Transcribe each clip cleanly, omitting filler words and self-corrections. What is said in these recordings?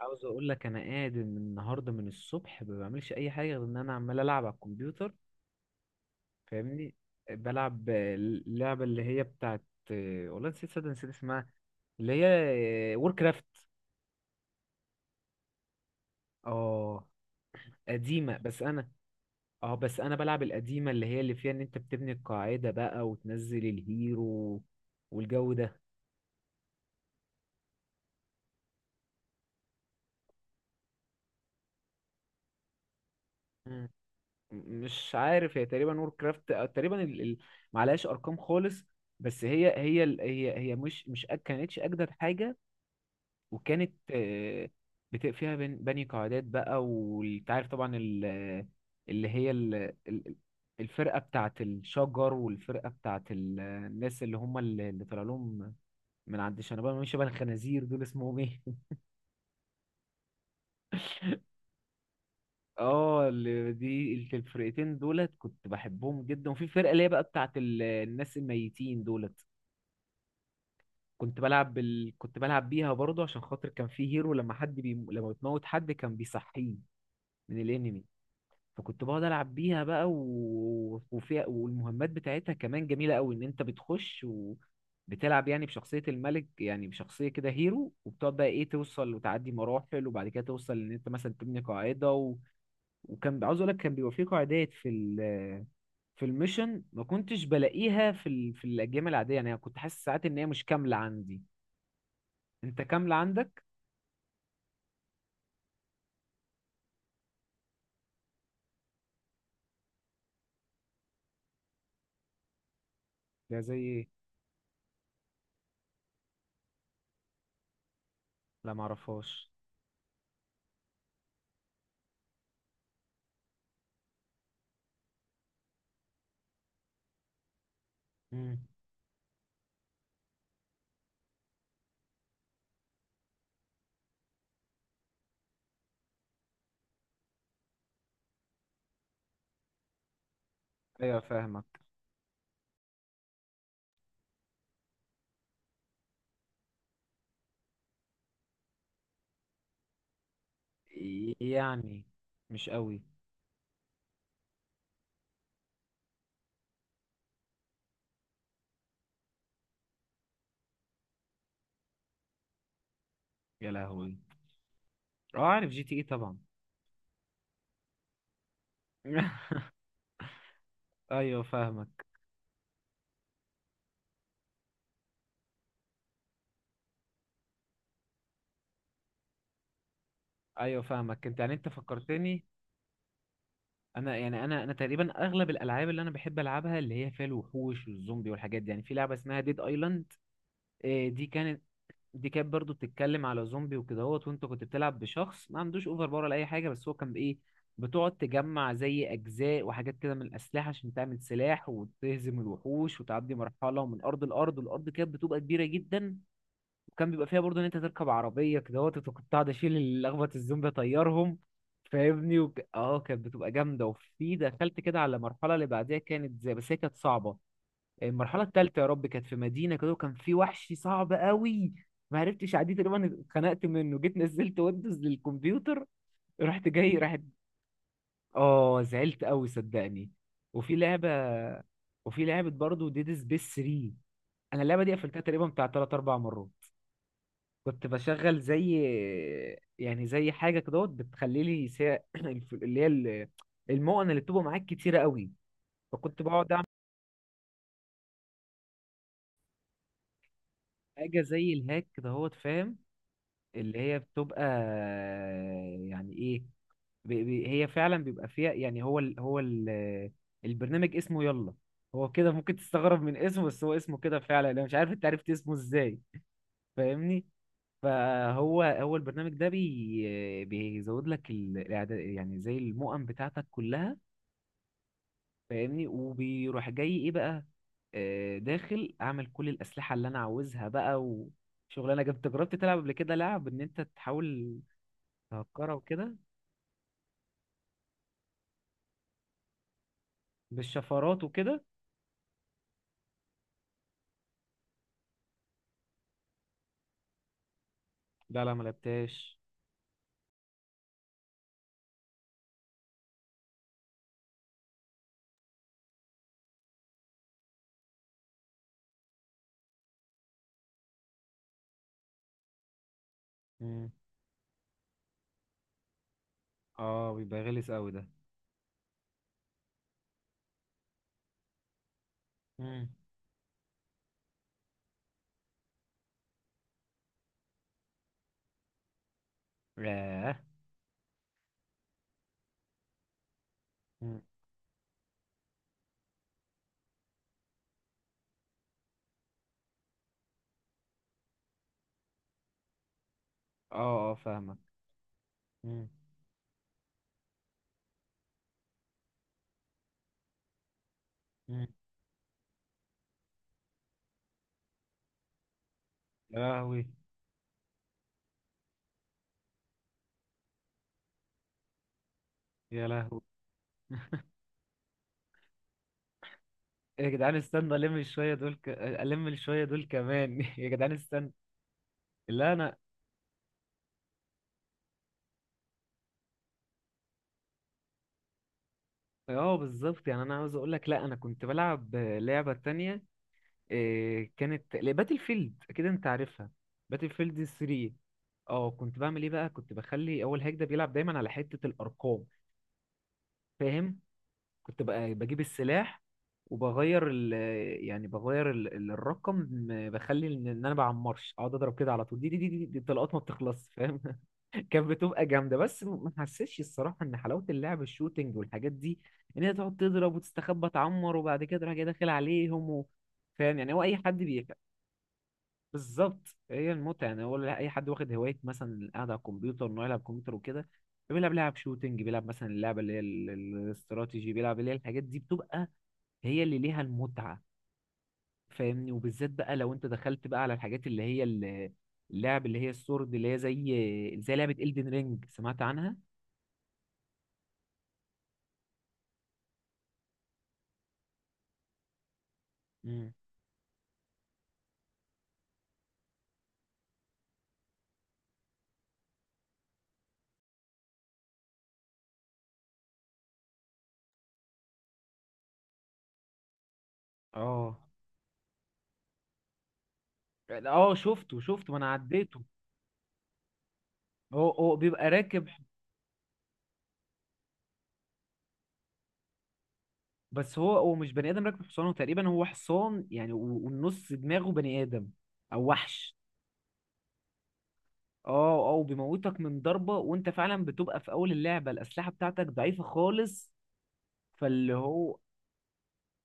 عاوز اقول لك انا قاعد من النهارده من الصبح ما بعملش اي حاجه غير ان انا عمال العب على الكمبيوتر. فاهمني. بلعب اللعبه اللي هي بتاعت والله نسيت، صدق نسيت اسمها، اللي هي وور كرافت. اه قديمه، بس انا، اه بس انا بلعب القديمه اللي هي اللي فيها ان انت بتبني القاعده بقى وتنزل الهيرو والجو ده. مم. مش عارف، هي تقريبا وور كرافت تقريبا معلهاش ارقام خالص، بس هي مش كانتش اجدد حاجه وكانت فيها بني قاعدات بقى، وانت عارف طبعا اللي هي الفرقة بتاعت الشجر والفرقة بتاعت الناس اللي هم اللي طلع لهم من عند شنبان، مش شبه الخنازير دول، اسمهم ايه اه اللي دي الفرقتين دولت كنت بحبهم جدا، وفي فرقة اللي هي بقى بتاعت الناس الميتين دولت، كنت بلعب بيها برضه عشان خاطر كان في هيرو، لما بتموت حد كان بيصحيه من الانمي. فكنت بقعد العب بيها بقى وفيها والمهمات بتاعتها كمان جميله قوي، ان انت بتخش وبتلعب يعني بشخصيه الملك، يعني بشخصيه كده هيرو، وبتقعد بقى ايه، توصل وتعدي مراحل، وبعد كده توصل ان انت مثلا تبني قاعده وكان. عاوز اقول لك كان بيبقى في قاعدات في الميشن ما كنتش بلاقيها في الاجيال العاديه، يعني أنا كنت حاسس ساعات ان هي مش كامله عندي، انت كامله عندك. ده زي ايه؟ لا معرفهاش. امم، ايوه فاهمك. يعني مش قوي. يا لهوي. اه عارف جي تي اي طبعا. ايوه فاهمك. ايوه فاهمك، انت يعني انت فكرتني، انا يعني انا تقريبا اغلب الالعاب اللي انا بحب العبها اللي هي فيها الوحوش والزومبي والحاجات دي، يعني في لعبه اسمها ديد ايلاند. دي كانت، دي كانت برضو بتتكلم على زومبي وكدهوت، وانت كنت بتلعب بشخص ما عندوش اوفر باور ولا اي حاجه، بس هو كان بايه، بتقعد تجمع زي اجزاء وحاجات كده من الاسلحه عشان تعمل سلاح وتهزم الوحوش وتعدي مرحله من ارض لارض، والارض كانت بتبقى كبيره جدا. وكان بيبقى فيها برضه ان انت تركب عربيه كده وكنت قاعد اشيل الاخبط الزومبي اطيرهم، فاهمني. اه كانت بتبقى جامده، وفي دخلت كده على المرحله اللي بعديها كانت زي، بس هي كانت صعبه. المرحله الثالثه، يا رب، كانت في مدينه كده وكان في وحش صعب قوي، ما عرفتش عديه، تقريبا اتخنقت منه، جيت نزلت ويندوز للكمبيوتر. رحت جاي، راحت. اه زعلت قوي صدقني. وفي لعبه، وفي لعبه برضه ديد سبيس 3، انا اللعبه دي قفلتها تقريبا بتاع 3 4 مرات. كنت بشغل زي، يعني زي حاجه كده بتخلي لي اللي هي المؤن اللي بتبقى معاك كتيره قوي، فكنت بقعد اعمل حاجه زي الهاك كده، فاهم. اللي هي بتبقى، يعني ايه، هي فعلا بيبقى فيها، يعني هو ال، هو ال، البرنامج اسمه يلا. هو كده ممكن تستغرب من اسمه، بس هو اسمه كده فعلا، انا مش عارف انت عرفت اسمه ازاي، فاهمني. فهو هو البرنامج ده بي بيزود لك يعني زي المؤن بتاعتك كلها، فاهمني. وبيروح جاي ايه بقى، داخل اعمل كل الاسلحه اللي انا عاوزها بقى. وشغلانه جبت، جربت تلعب قبل كده لعب ان انت تحاول تهكرها وكده، بالشفرات وكده؟ لا لا ما لعبتهاش. مم. اه بيبقى غلس قوي ده. مم. ياه. مم. اه اه فاهمك. مم. مم. يا لهوي. يا لهوي. يا جدعان استنى الم شويه الم شويه دول كمان يا جدعان استنى. لا انا. اه بالظبط، يعني انا عاوز اقول لك، لا انا كنت بلعب لعبه تانية، إيه، كانت باتل فيلد، اكيد انت عارفها، باتل فيلد 3. اه كنت بعمل ايه بقى، كنت بخلي اول هيك ده بيلعب دايما على حته الارقام، فاهم. كنت بقى بجيب السلاح وبغير ال... يعني بغير الرقم. بخلي ان إن انا بعمرش اقعد اضرب كده على طول، دي الطلقات ما بتخلص، فاهم. كانت بتبقى جامده، بس ما حسيتش الصراحه ان حلاوه اللعب الشوتينج والحاجات دي، ان هي تقعد تضرب وتستخبى تعمر وبعد كده تروح جاي داخل عليهم فاهم، يعني هو اي حد بي. بالظبط، هي المتعه، يعني هو اي حد واخد هوايه مثلا قاعد على الكمبيوتر انه يلعب كمبيوتر وكده، بيلعب لعب شوتينج، بيلعب مثلا اللعبه اللي هي الاستراتيجي، بيلعب اللي هي الحاجات دي، بتبقى هي اللي ليها المتعه، فاهمني. وبالذات بقى لو انت دخلت بقى على الحاجات اللي هي اللعب اللي هي السورد، اللي هي زي زي لعبه إلدن رينج، سمعت عنها؟ مم. اه اه شفته شفته، ما انا عديته. هو هو بيبقى راكب، بس هو هو مش بني ادم راكب حصان، هو تقريبا هو حصان يعني، والنص دماغه بني ادم او وحش. اه اه بيموتك من ضربة، وانت فعلا بتبقى في اول اللعبة الاسلحة بتاعتك ضعيفة خالص. فاللي هو،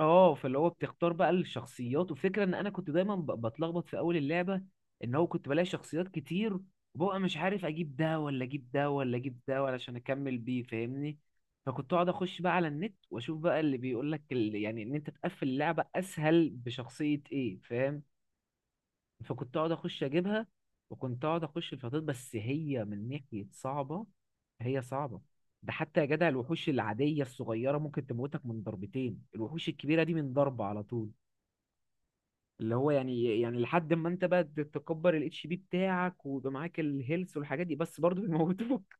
اه فاللي هو بتختار بقى الشخصيات، وفكرة ان انا كنت دايما بتلخبط في اول اللعبة ان هو كنت بلاقي شخصيات كتير، وببقى مش عارف اجيب ده ولا اجيب ده ولا اجيب ده علشان اكمل بيه، فاهمني. فكنت اقعد اخش بقى على النت واشوف بقى اللي بيقول لك يعني ان انت تقفل اللعبة اسهل بشخصية ايه، فاهم. فكنت اقعد اخش اجيبها. وكنت اقعد اخش الفطاطير، بس هي من ناحيه صعبه، هي صعبه. ده حتى يا جدع الوحوش العاديه الصغيره ممكن تموتك من ضربتين، الوحوش الكبيره دي من ضربه على طول. اللي هو يعني، يعني لحد ما انت بقى تكبر الاتش بي بتاعك ويبقى معاك الهيلث والحاجات دي، بس برضه بيموتوك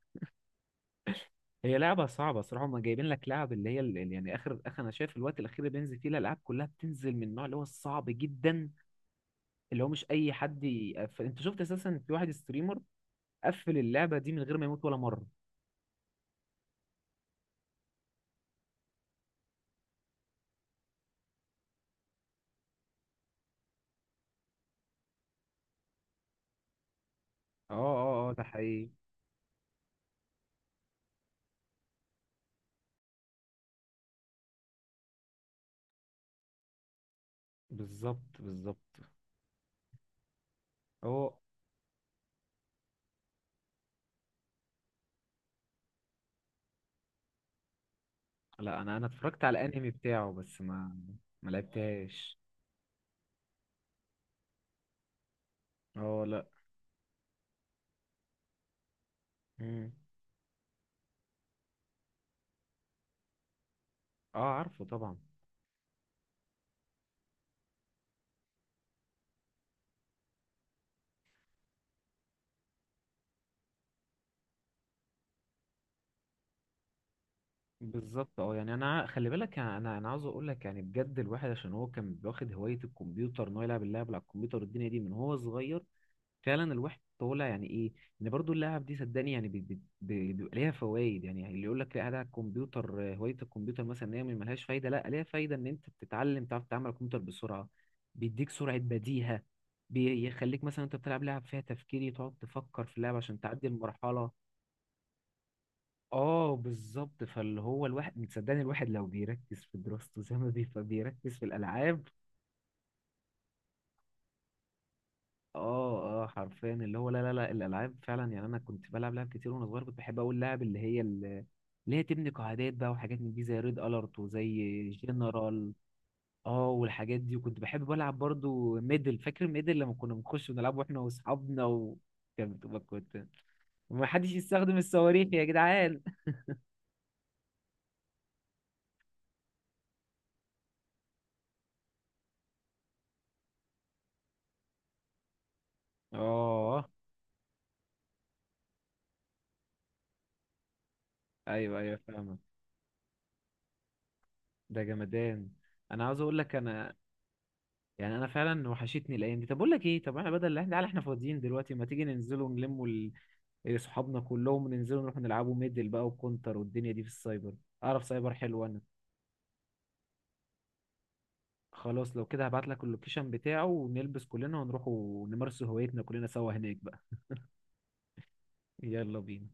هي لعبه صعبه صراحه، هم جايبين لك لعب اللي هي يعني اخر، اخر انا شايف الوقت الاخير اللي بينزل فيه الالعاب كلها بتنزل من النوع اللي هو الصعب جدا، اللي هو مش اي حد انت شفت اساسا في واحد ستريمر قفل اللعبه دي من غير ما يموت ولا مره. اه اه اه ده حقيقي. بالظبط بالظبط. هو، لا انا، انا اتفرجت على الانمي بتاعه بس ما، ما لعبتهاش. اه لا. مم. اه عارفه طبعا. بالظبط، اه يعني انا خلي بالك، انا انا أنا عاوز اقول لك يعني بجد، الواحد عشان هو كان واخد هوايه الكمبيوتر، ان هو يلعب اللعب على الكمبيوتر والدنيا دي من هو صغير، فعلا الواحد طالع يعني ايه، ان برضو اللعب دي صدقني يعني بيبقى ليها فوائد، يعني يعني اللي يقول لك لا ده على الكمبيوتر هوايه الكمبيوتر مثلا ان هي ملهاش فايده، لا ليها فايده، ان انت بتتعلم تعرف تتعامل على الكمبيوتر بسرعه، بيديك سرعه بديهه، بيخليك مثلا انت بتلعب لعب فيها تفكيري، تقعد تفكر في اللعب عشان تعدي المرحله. اه بالظبط، فاللي هو الواحد صدقني، الواحد لو بيركز في دراسته زي ما بيركز في الالعاب. اه اه حرفيا، اللي هو لا لا لا، الالعاب فعلا. يعني انا كنت بلعب لعب كتير وانا صغير، كنت بحب اقول لعب اللي هي اللي هي تبني قاعدات بقى وحاجات من دي، زي ريد الارت وزي جنرال. اه والحاجات دي. وكنت بحب بلعب برضو ميدل، فاكر ميدل لما كنا بنخش ونلعب واحنا واصحابنا، وكانت بتبقى كنت، ومحدش يستخدم الصواريخ يا جدعان. اه ايوه ايوه فاهمك، ده جمدان. انا عاوز اقول لك انا، يعني انا فعلا وحشتني الايام دي. طب اقول لك ايه، طب احنا بدل احنا، تعالى احنا فاضيين دلوقتي، ما تيجي ننزلوا ونلموا إيه، صحابنا كلهم، ننزلوا نروح نلعبوا ميدل بقى وكونتر والدنيا دي في السايبر، اعرف سايبر حلو انا. خلاص لو كده هبعت لك اللوكيشن بتاعه، ونلبس كلنا ونروح ونمارس هوايتنا كلنا سوا هناك بقى. يلا بينا.